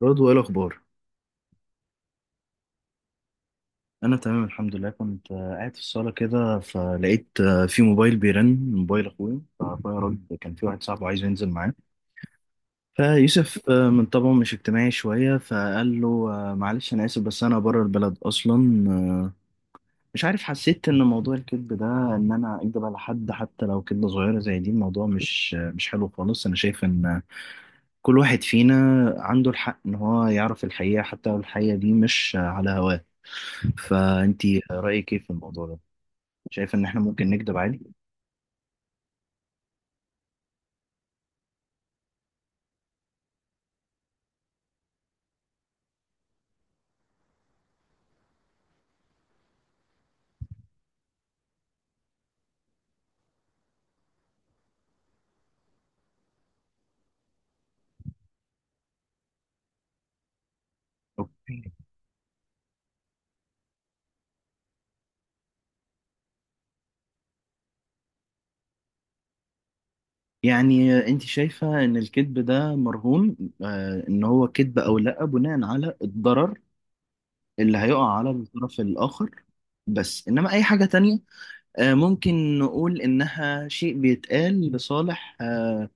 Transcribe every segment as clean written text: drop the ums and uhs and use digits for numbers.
برضو ايه الاخبار؟ انا تمام الحمد لله. كنت قاعد في الصاله كده، فلقيت في موبايل بيرن. موبايل اخويا، فاخويا راجل كان في واحد صاحبه عايز ينزل معاه. فيوسف من طبعه مش اجتماعي شويه، فقال له معلش انا اسف، بس انا بره البلد اصلا. مش عارف، حسيت ان موضوع الكذب ده، ان انا اكذب على حد حتى لو كذبه صغيره زي دي، الموضوع مش مش حلو خالص. انا شايف ان كل واحد فينا عنده الحق ان هو يعرف الحقيقة، حتى لو الحقيقة دي مش على هواه. فانتي رأيك ايه في الموضوع ده؟ شايفة ان احنا ممكن نكذب عادي؟ اوكي. يعني انت شايفة ان الكذب ده مرهون، آه، ان هو كذب او لا، بناء على الضرر اللي هيقع على الطرف الاخر، بس انما اي حاجة تانية آه ممكن نقول انها شيء بيتقال لصالح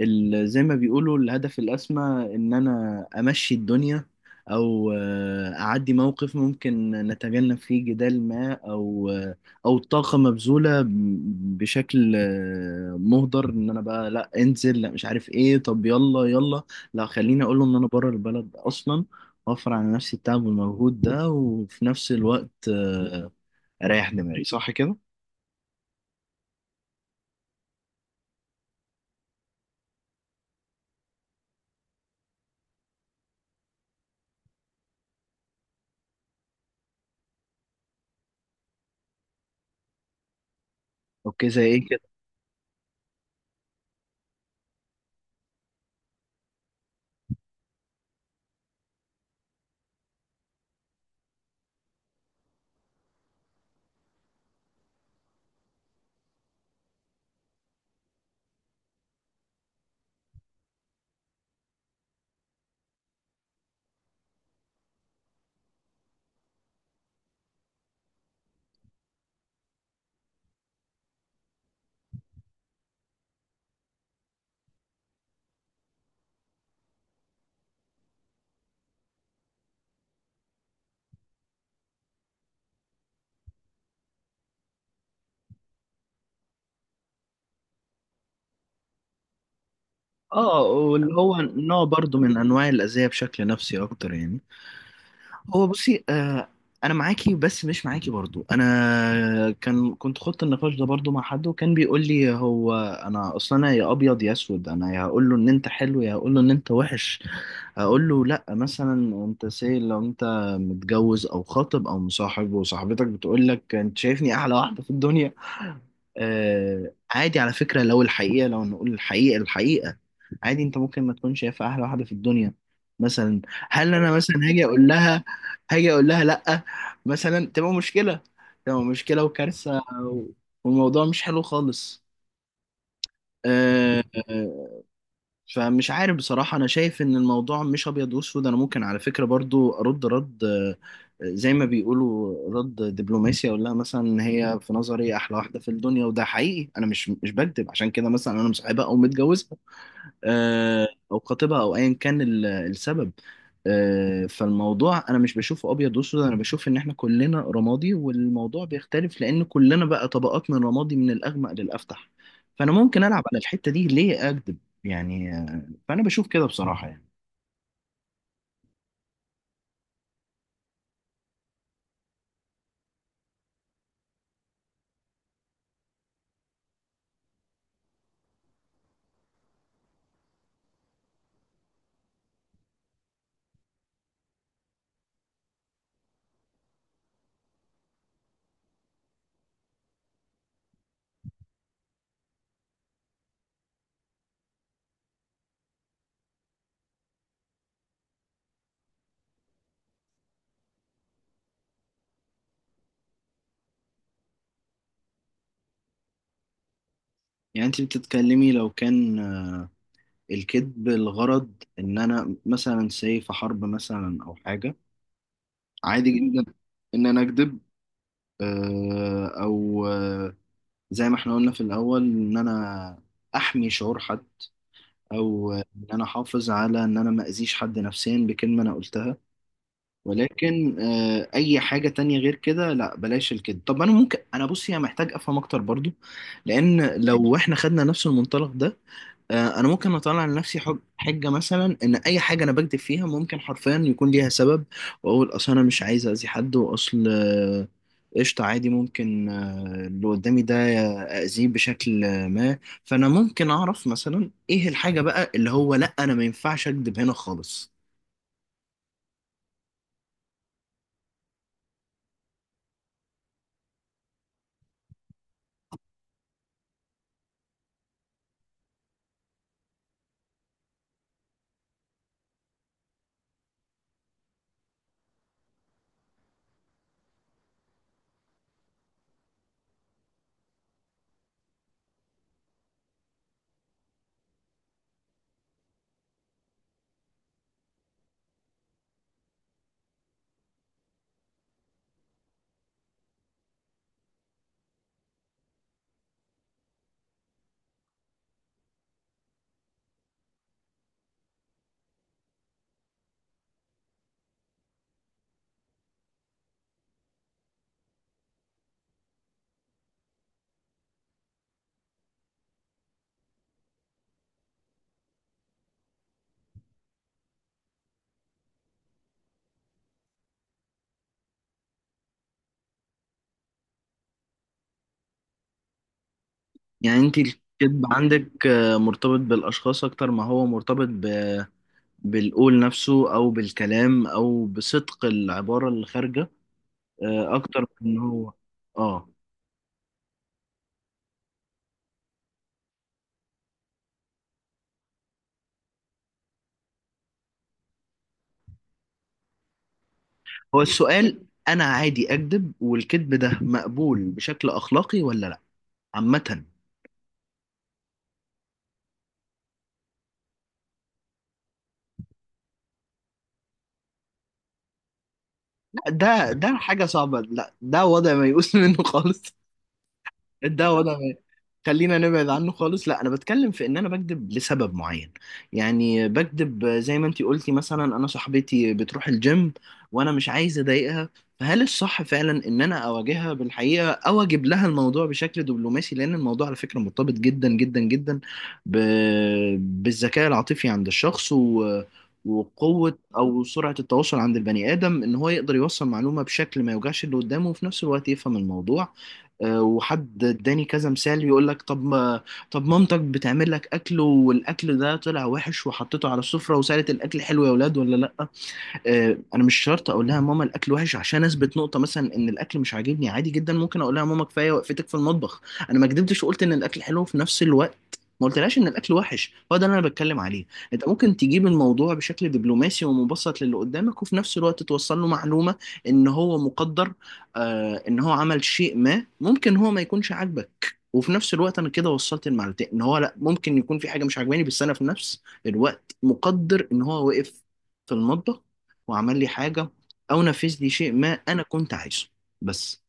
زي ما بيقولوا الهدف الأسمى، إن أنا أمشي الدنيا أو أعدي موقف ممكن نتجنب فيه جدال ما، أو أو طاقة مبذولة بشكل مهدر. إن أنا بقى لا انزل، لا مش عارف إيه، طب يلا يلا، لا خليني أقول له إن أنا بره البلد أصلا، أوفر على نفسي التعب والمجهود ده، وفي نفس الوقت أريح دماغي. صح كده؟ أوكي، زي إيه؟ اه، واللي هو نوع برضو من انواع الاذيه، بشكل نفسي اكتر يعني. هو بصي، آه، انا معاكي بس مش معاكي برضو. انا كنت خدت النقاش ده برضو مع حد، وكان بيقول لي هو، انا اصلا انا يا ابيض يا اسود، انا يا هقول له ان انت حلو يا هقول له ان انت وحش. هقول له لا مثلا، انت سي، لو انت متجوز او خاطب او مصاحب، وصاحبتك بتقول لك انت شايفني احلى واحده في الدنيا، آه، عادي على فكره، لو الحقيقه، لو نقول الحقيقه الحقيقه، عادي انت ممكن ما تكونش شايف احلى واحده في الدنيا مثلا. هل انا مثلا هاجي اقول لها، هاجي اقول لها لا مثلا؟ تبقى مشكله، تبقى مشكله وكارثه والموضوع مش حلو خالص. آه، فمش عارف بصراحة، أنا شايف إن الموضوع مش أبيض وأسود. أنا ممكن على فكرة برضو أرد رد زي ما بيقولوا رد دبلوماسي، أقول لها مثلا إن هي في نظري أحلى واحدة في الدنيا، وده حقيقي، أنا مش بكذب، عشان كده مثلا أنا مصاحبها أو متجوزها أو خطيبها أو أيا كان السبب. فالموضوع أنا مش بشوفه أبيض وأسود، أنا بشوف إن إحنا كلنا رمادي، والموضوع بيختلف لأن كلنا بقى طبقات من رمادي، من الأغمق للأفتح. فأنا ممكن ألعب على الحتة دي، ليه أكذب يعني؟ فانا بشوف كده بصراحه يعني. يعني انت بتتكلمي لو كان الكذب الغرض ان انا مثلا ساي في حرب مثلا او حاجه، عادي جدا ان انا اكذب، او زي ما احنا قلنا في الاول، ان انا احمي شعور حد، او ان انا احافظ على ان انا ما اذيش حد نفسيا بكلمه انا قلتها. ولكن اي حاجه تانية غير كده، لا بلاش الكذب. طب انا ممكن، انا بصي انا محتاج افهم اكتر برضو. لان لو احنا خدنا نفس المنطلق ده، انا ممكن اطلع لنفسي حجه مثلا، ان اي حاجه انا بكذب فيها ممكن حرفيا يكون ليها سبب، واقول اصل انا مش عايز اذي حد، واصل قشطه عادي، ممكن اللي قدامي ده اذيه بشكل ما. فانا ممكن اعرف مثلا ايه الحاجه بقى اللي هو لا، انا ما ينفعش اكذب هنا خالص. يعني انت الكذب عندك مرتبط بالاشخاص اكتر ما هو مرتبط ب بالقول نفسه او بالكلام او بصدق العباره اللي خارجه، اكتر من إن هو، اه. هو السؤال، انا عادي اكذب والكذب ده مقبول بشكل اخلاقي ولا لا عامة؟ لا، ده ده حاجة صعبة، لا ده وضع ما يقوس منه خالص. الدواء ده وضع خلينا نبعد عنه خالص. لا انا بتكلم في ان انا بكذب لسبب معين. يعني بكذب زي ما انتي قلتي مثلا، انا صاحبتي بتروح الجيم وانا مش عايز اضايقها، فهل الصح فعلا ان انا اواجهها بالحقيقه، او اجيب لها الموضوع بشكل دبلوماسي؟ لان الموضوع على فكره مرتبط جدا جدا جدا ب بالذكاء العاطفي عند الشخص و وقوة أو سرعة التواصل عند البني آدم، إن هو يقدر يوصل معلومة بشكل ما يوجعش اللي قدامه، وفي نفس الوقت يفهم الموضوع. وحد اداني كذا مثال، يقول لك طب ما، طب مامتك بتعمل لك اكل، والاكل ده طلع وحش، وحطيته على السفرة وسالت الاكل حلو يا ولاد ولا لا. انا مش شرط اقول لها ماما الاكل وحش، عشان اثبت نقطه مثلا ان الاكل مش عاجبني. عادي جدا ممكن اقول لها ماما كفايه وقفتك في المطبخ. انا ما كدبتش وقلت ان الاكل حلو، في نفس الوقت ما قلتلهاش ان الاكل وحش. هو ده اللي انا بتكلم عليه. انت ممكن تجيب الموضوع بشكل دبلوماسي ومبسط للي قدامك، وفي نفس الوقت توصل له معلومه ان هو مقدر، آه، ان هو عمل شيء ما ممكن هو ما يكونش عاجبك. وفي نفس الوقت انا كده وصلت المعلومتين، ان هو لا ممكن يكون في حاجه مش عاجباني، بس انا في نفس الوقت مقدر ان هو وقف في المطبخ وعمل لي حاجة، أو نفذ لي شيء ما أنا كنت عايزه. بس.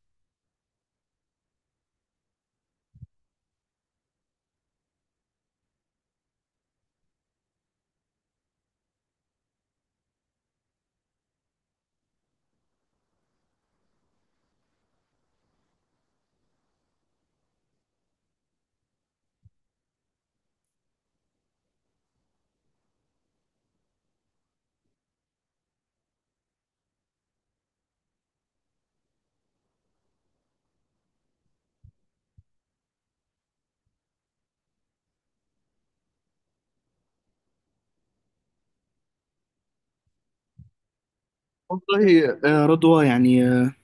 والله رضوى يعني،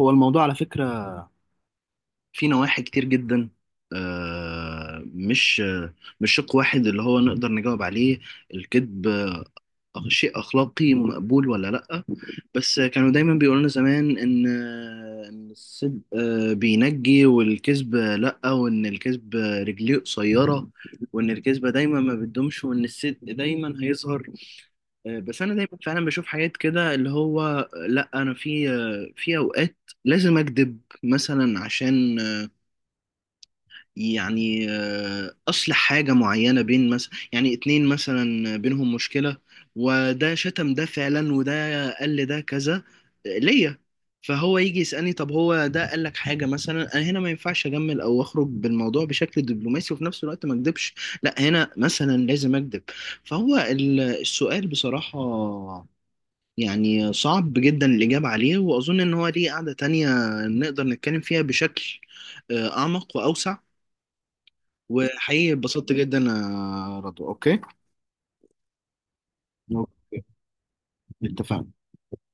هو الموضوع على فكرة في نواحي كتير جدا، مش مش شق واحد اللي هو نقدر نجاوب عليه. الكذب شيء أخلاقي مقبول ولا لأ؟ بس كانوا دايما بيقولوا لنا زمان إن إن الصدق بينجي والكذب لأ، وإن الكذب رجليه قصيرة، وإن الكذبة دايما ما بتدومش، وإن الصدق دايما هيظهر. بس انا دايما فعلا بشوف حاجات كده، اللي هو لا انا في في اوقات لازم اكذب مثلا، عشان يعني اصلح حاجه معينه بين مثلا يعني اتنين مثلا بينهم مشكله، وده شتم ده فعلا، وده قال لي ده كذا ليا. فهو يجي يسالني طب هو ده قال لك حاجه مثلا؟ انا هنا ما ينفعش اجمل او اخرج بالموضوع بشكل دبلوماسي وفي نفس الوقت ما اكذبش. لا هنا مثلا لازم اكذب. فهو السؤال بصراحه يعني صعب جدا الإجابة عليه، وأظن إن هو ليه قعدة تانية نقدر نتكلم فيها بشكل أعمق وأوسع. وحقيقي اتبسطت جدا يا رضوى، أوكي؟ أوكي، اتفقنا.